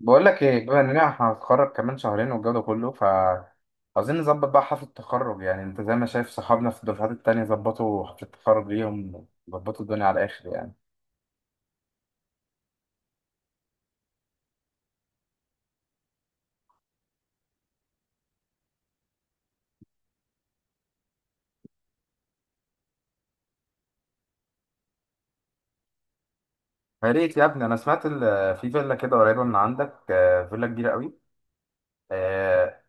بقول لك ايه، بما اننا احنا هنتخرج كمان شهرين والجو ده كله ف عاوزين نظبط بقى حفله التخرج. يعني انت زي ما شايف صحابنا في الدفعات التانية ظبطوا حفله التخرج ليهم، ظبطوا الدنيا على الاخر يعني. يا ريت يا ابني، انا سمعت ال- في فيلا كده قريبه من عندك، فيلا كبيره قوي. آه،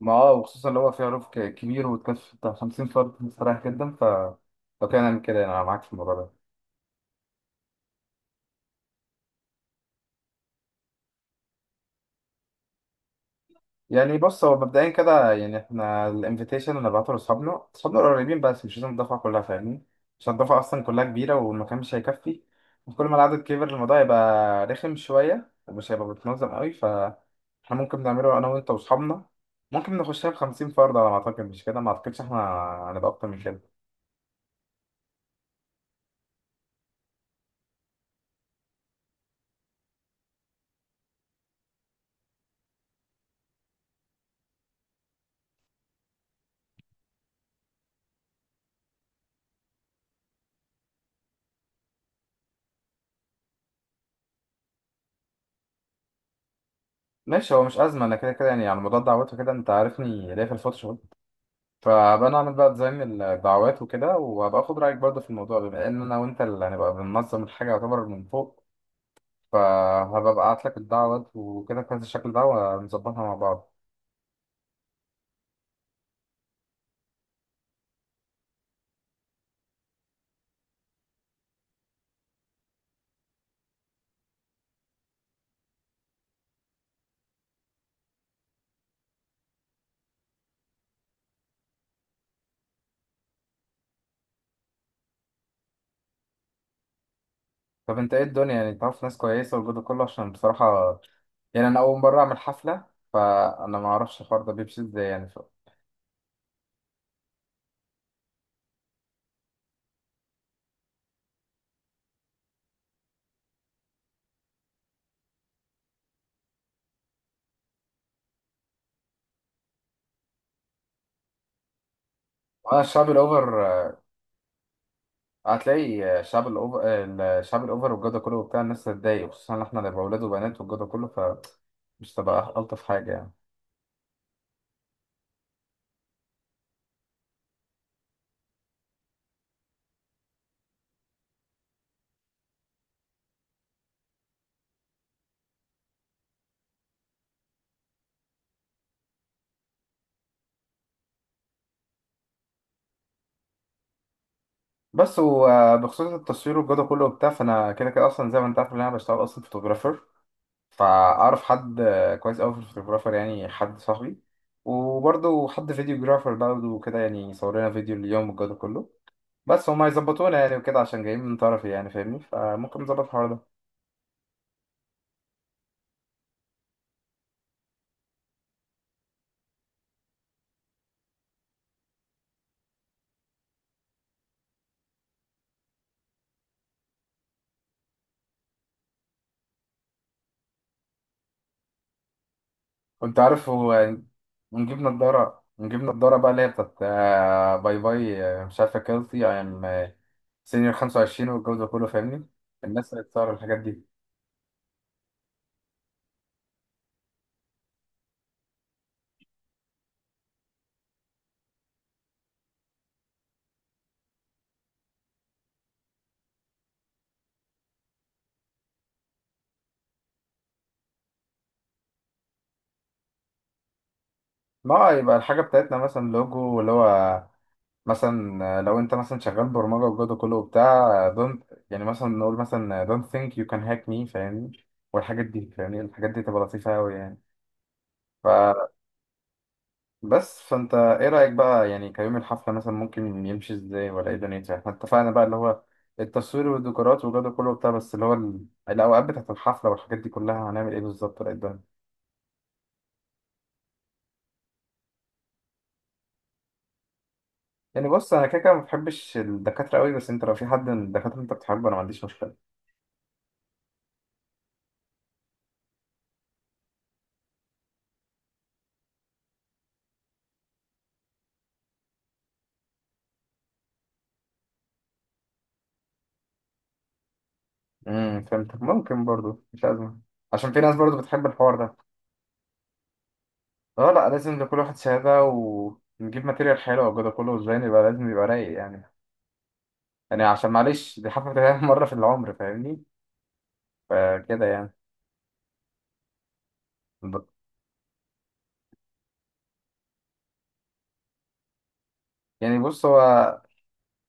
ما اه وخصوصا اللي هو فيها روف ك- كبير وتكلف بتاع 50 فرد صراحه جدا. ف لو كان نعمل كده انا معاك في الموضوع ده. يعني بص، هو مبدئيا كده يعني احنا الانفيتيشن اللي بعته لاصحابنا، اصحابنا القريبين بس مش لازم الدفعه كلها، فاهمني؟ عشان الدفعه اصلا كلها كبيره والمكان مش هيكفي، وكل ما العدد كبر الموضوع يبقى رخم شويه ومش هيبقى متنظم قوي. فاحنا ممكن نعمله انا وانت واصحابنا، ممكن نخشها ب 50 فرد على ما اعتقد. مش كده؟ ما اعتقدش احنا هنبقى اكتر من كده. ماشي، هو مش ازمه، انا كده كده يعني على موضوع الدعوات وكده انت عارفني ليا في الفوتوشوب، فبنعمل بقى ديزاين الدعوات وكده، وهبقى اخد رايك برضه في الموضوع بما ان انا وانت اللي هنبقى بننظم الحاجه، يعتبر من فوق. فهبقى ابعت لك الدعوات وكده في هذا الشكل ده ونظبطها مع بعض. طب انت ايه الدنيا، يعني تعرف ناس كويسه والجو ده كله؟ عشان بصراحه يعني انا اول مره اعمل حفله، فانا ما اعرفش الحوار ده بيمشي ازاي يعني ف... انا الشعب الاوفر، هتلاقي الشعب الاوفر، الشعب الاوفر والجو ده كله وبتاع، الناس هتتضايق خصوصا ان احنا نبقى اولاد وبنات والجو ده كله، فمش تبقى الطف حاجه يعني. بس وبخصوص التصوير والجودة كله وبتاع، فأنا كده كده أصلا زي ما أنت عارف إن أنا بشتغل أصلا فوتوغرافر، فأعرف حد كويس أوي في الفوتوغرافر، يعني حد صاحبي، وبرضه حد فيديوجرافر برضه وكده، يعني يصور لنا فيديو اليوم والجودة كله. بس هما يظبطونا يعني وكده عشان جايين من طرفي، يعني فاهمني؟ فممكن نظبط الحوار ده. وأنت عارف هو يعني، ونجيب نضارة، نجيب نضارة بقى اللي هي بتاعت باي باي، مش عارفة، كيلتي أي أم سينيور 25 والجو ده كله، فاهمني؟ الناس اللي بتصور الحاجات دي. ما يبقى الحاجة بتاعتنا مثلا لوجو اللي هو مثلا، لو انت مثلا شغال برمجة والجو ده كله وبتاع don't، يعني مثلا نقول مثلا don't think you can hack me، فاهمني؟ والحاجات دي، فاهمني؟ الحاجات دي تبقى لطيفة أوي يعني. فبس، فانت ايه رأيك بقى يعني كيوم الحفلة مثلا ممكن يمشي ازاي ولا ايه دنيتها؟ احنا اتفقنا بقى اللي هو التصوير والديكورات والجو ده كله وبتاع، بس اللي هو ال- الأوقات بتاعت الحفلة والحاجات دي كلها هنعمل ايه بالظبط ولا ايه الدنيا؟ يعني بص، انا كده كده ما بحبش الدكاترة قوي، بس انت لو في حد من الدكاترة انت بتحبه انا ما عنديش مشكلة. امم، فهمتك، ممكن برضو، مش أزمة، عشان في ناس برضو بتحب الحوار ده. اه لا، لازم لكل واحد شهادة، ونجيب ماتيريال حلوة وكده كله، والزين يبقى لازم يبقى رايق يعني. يعني عشان معلش دي حفلة تتعمل مرة في العمر، فاهمني؟ فكده يعني. ب- يعني بص، هو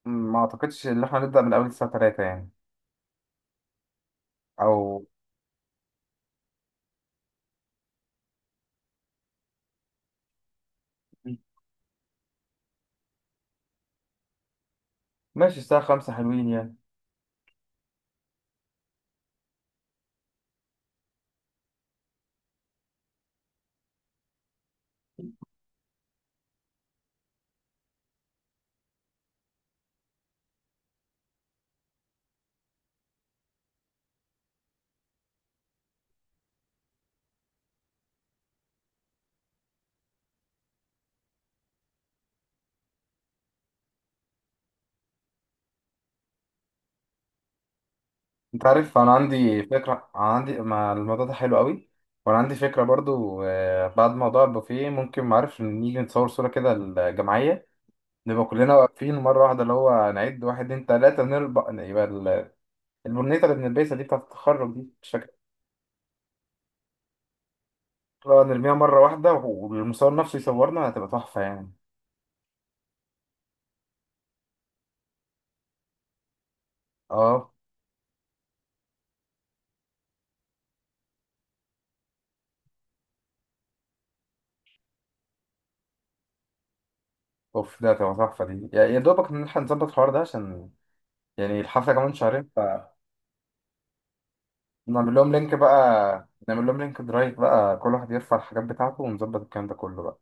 ما أعتقدش إن إحنا نبدأ من أول الساعة تلاتة يعني، أو ماشي الساعة خمسة حلوين يعني. أنت عارف أنا عندي فكرة، أنا عندي، ما الموضوع ده حلو قوي. وأنا عندي فكرة برضو، بعد موضوع البوفيه ممكن معرفش نيجي نتصور صورة كده، الجماعية، نبقى كلنا واقفين مرة واحدة، اللي هو نعد واحد اتنين تلاتة نربع يبقى ال- البرنيطة اللي بنلبسها دي بتاعة التخرج دي، مش فاكر؟ لا، نرميها مرة واحدة والمصور نفسه يصورنا، هتبقى تحفة يعني. اه. اوف، ده هتبقى تحفة دي يعني. يا دوبك نلحق نظبط الحوار ده عشان يعني الحفلة كمان شهرين. فنعمل لهم لينك بقى، نعمل لهم لينك درايف بقى، كل واحد يرفع الحاجات بتاعته ونظبط الكلام ده كله بقى.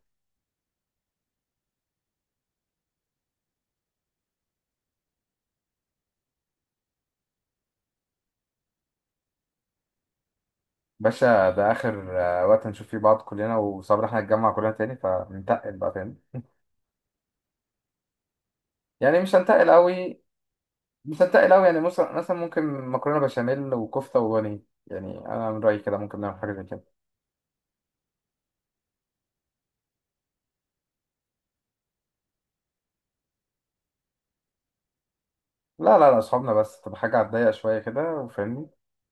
باشا، ده آخر وقت هنشوف فيه بعض كلنا، وصبر احنا نتجمع كلنا تاني فننتقل بقى تاني يعني مش هنتقل قوي. مصدق أوي يعني، مثلا مثلا ممكن مكرونة بشاميل وكفتة وبانيه. يعني أنا من رأيي كده ممكن نعمل حاجة زي كده. لا لا لا، أصحابنا بس، تبقى حاجة على الضيق شوية كده، وفاهمني؟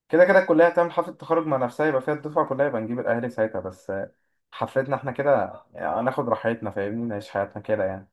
كده كده الكلية هتعمل حفلة تخرج مع نفسها يبقى فيها الدفعة كلها، يبقى نجيب الأهالي ساعتها بس. حفلتنا احنا كده يعني هناخد راحتنا، فاهمني؟ نعيش حياتنا كده يعني.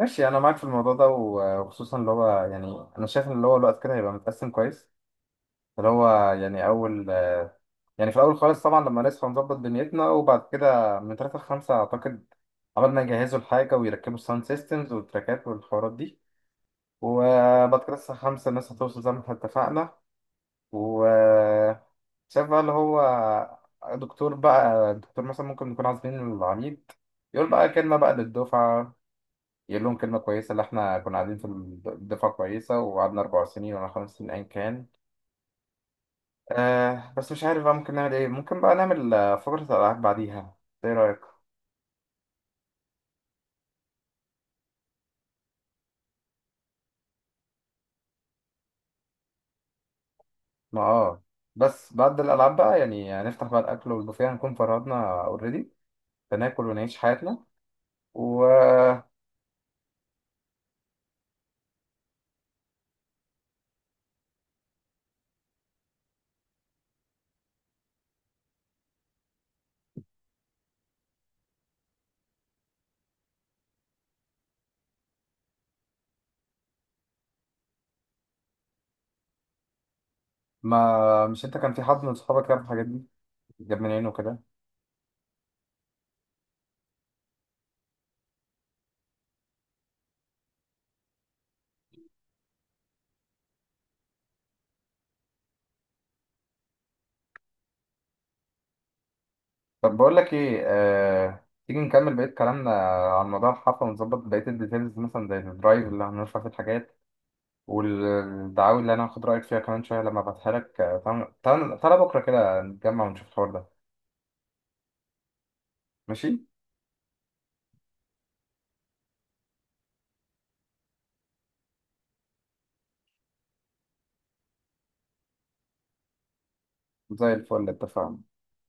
ماشي، أنا معاك في الموضوع ده، وخصوصا اللي هو يعني أنا شايف إن اللي هو الوقت كده هيبقى متقسم كويس. اللي هو يعني أول، يعني في الأول خالص طبعا لما نصحى نظبط دنيتنا، وبعد كده من تلاتة لخمسة أعتقد عملنا يجهزوا الحاجة ويركبوا الساوند سيستمز والتراكات والحوارات دي، وبعد كده الساعة خمسة الناس هتوصل زي ما احنا اتفقنا. وشاف بقى اللي هو دكتور بقى، دكتور مثلا ممكن نكون عازمين العميد، يقول بقى كلمة بقى للدفعة، يقول لهم كلمة كويسة اللي احنا كنا قاعدين في الدفعة كويسة وقعدنا 4 سنين ولا 5 سنين أيا كان. آه بس مش عارف بقى ممكن نعمل ايه، ممكن بقى نعمل فقرة الألعاب بعديها. ايه رأيك؟ ما اه، بس بعد الألعاب بقى يعني نفتح بقى الأكل والبوفيه، هنكون فرهدنا اوريدي، فناكل ونعيش حياتنا. وما مش انت كان في حد من صحابك جاب الحاجات دي، جاب من عينه كده؟ طب بقول لك ايه، تيجي نكمل بقية كلامنا عن موضوع الحفلة ونظبط بقية الديتيلز، مثلا زي الدرايف اللي هنرفع فيه الحاجات والدعاوي اللي انا هاخد رأيك فيها كمان شوية لما ابعتها لك. تعال بكرة كده نتجمع ونشوف الحوار ده، ماشي؟ زي الفل، اتفقنا.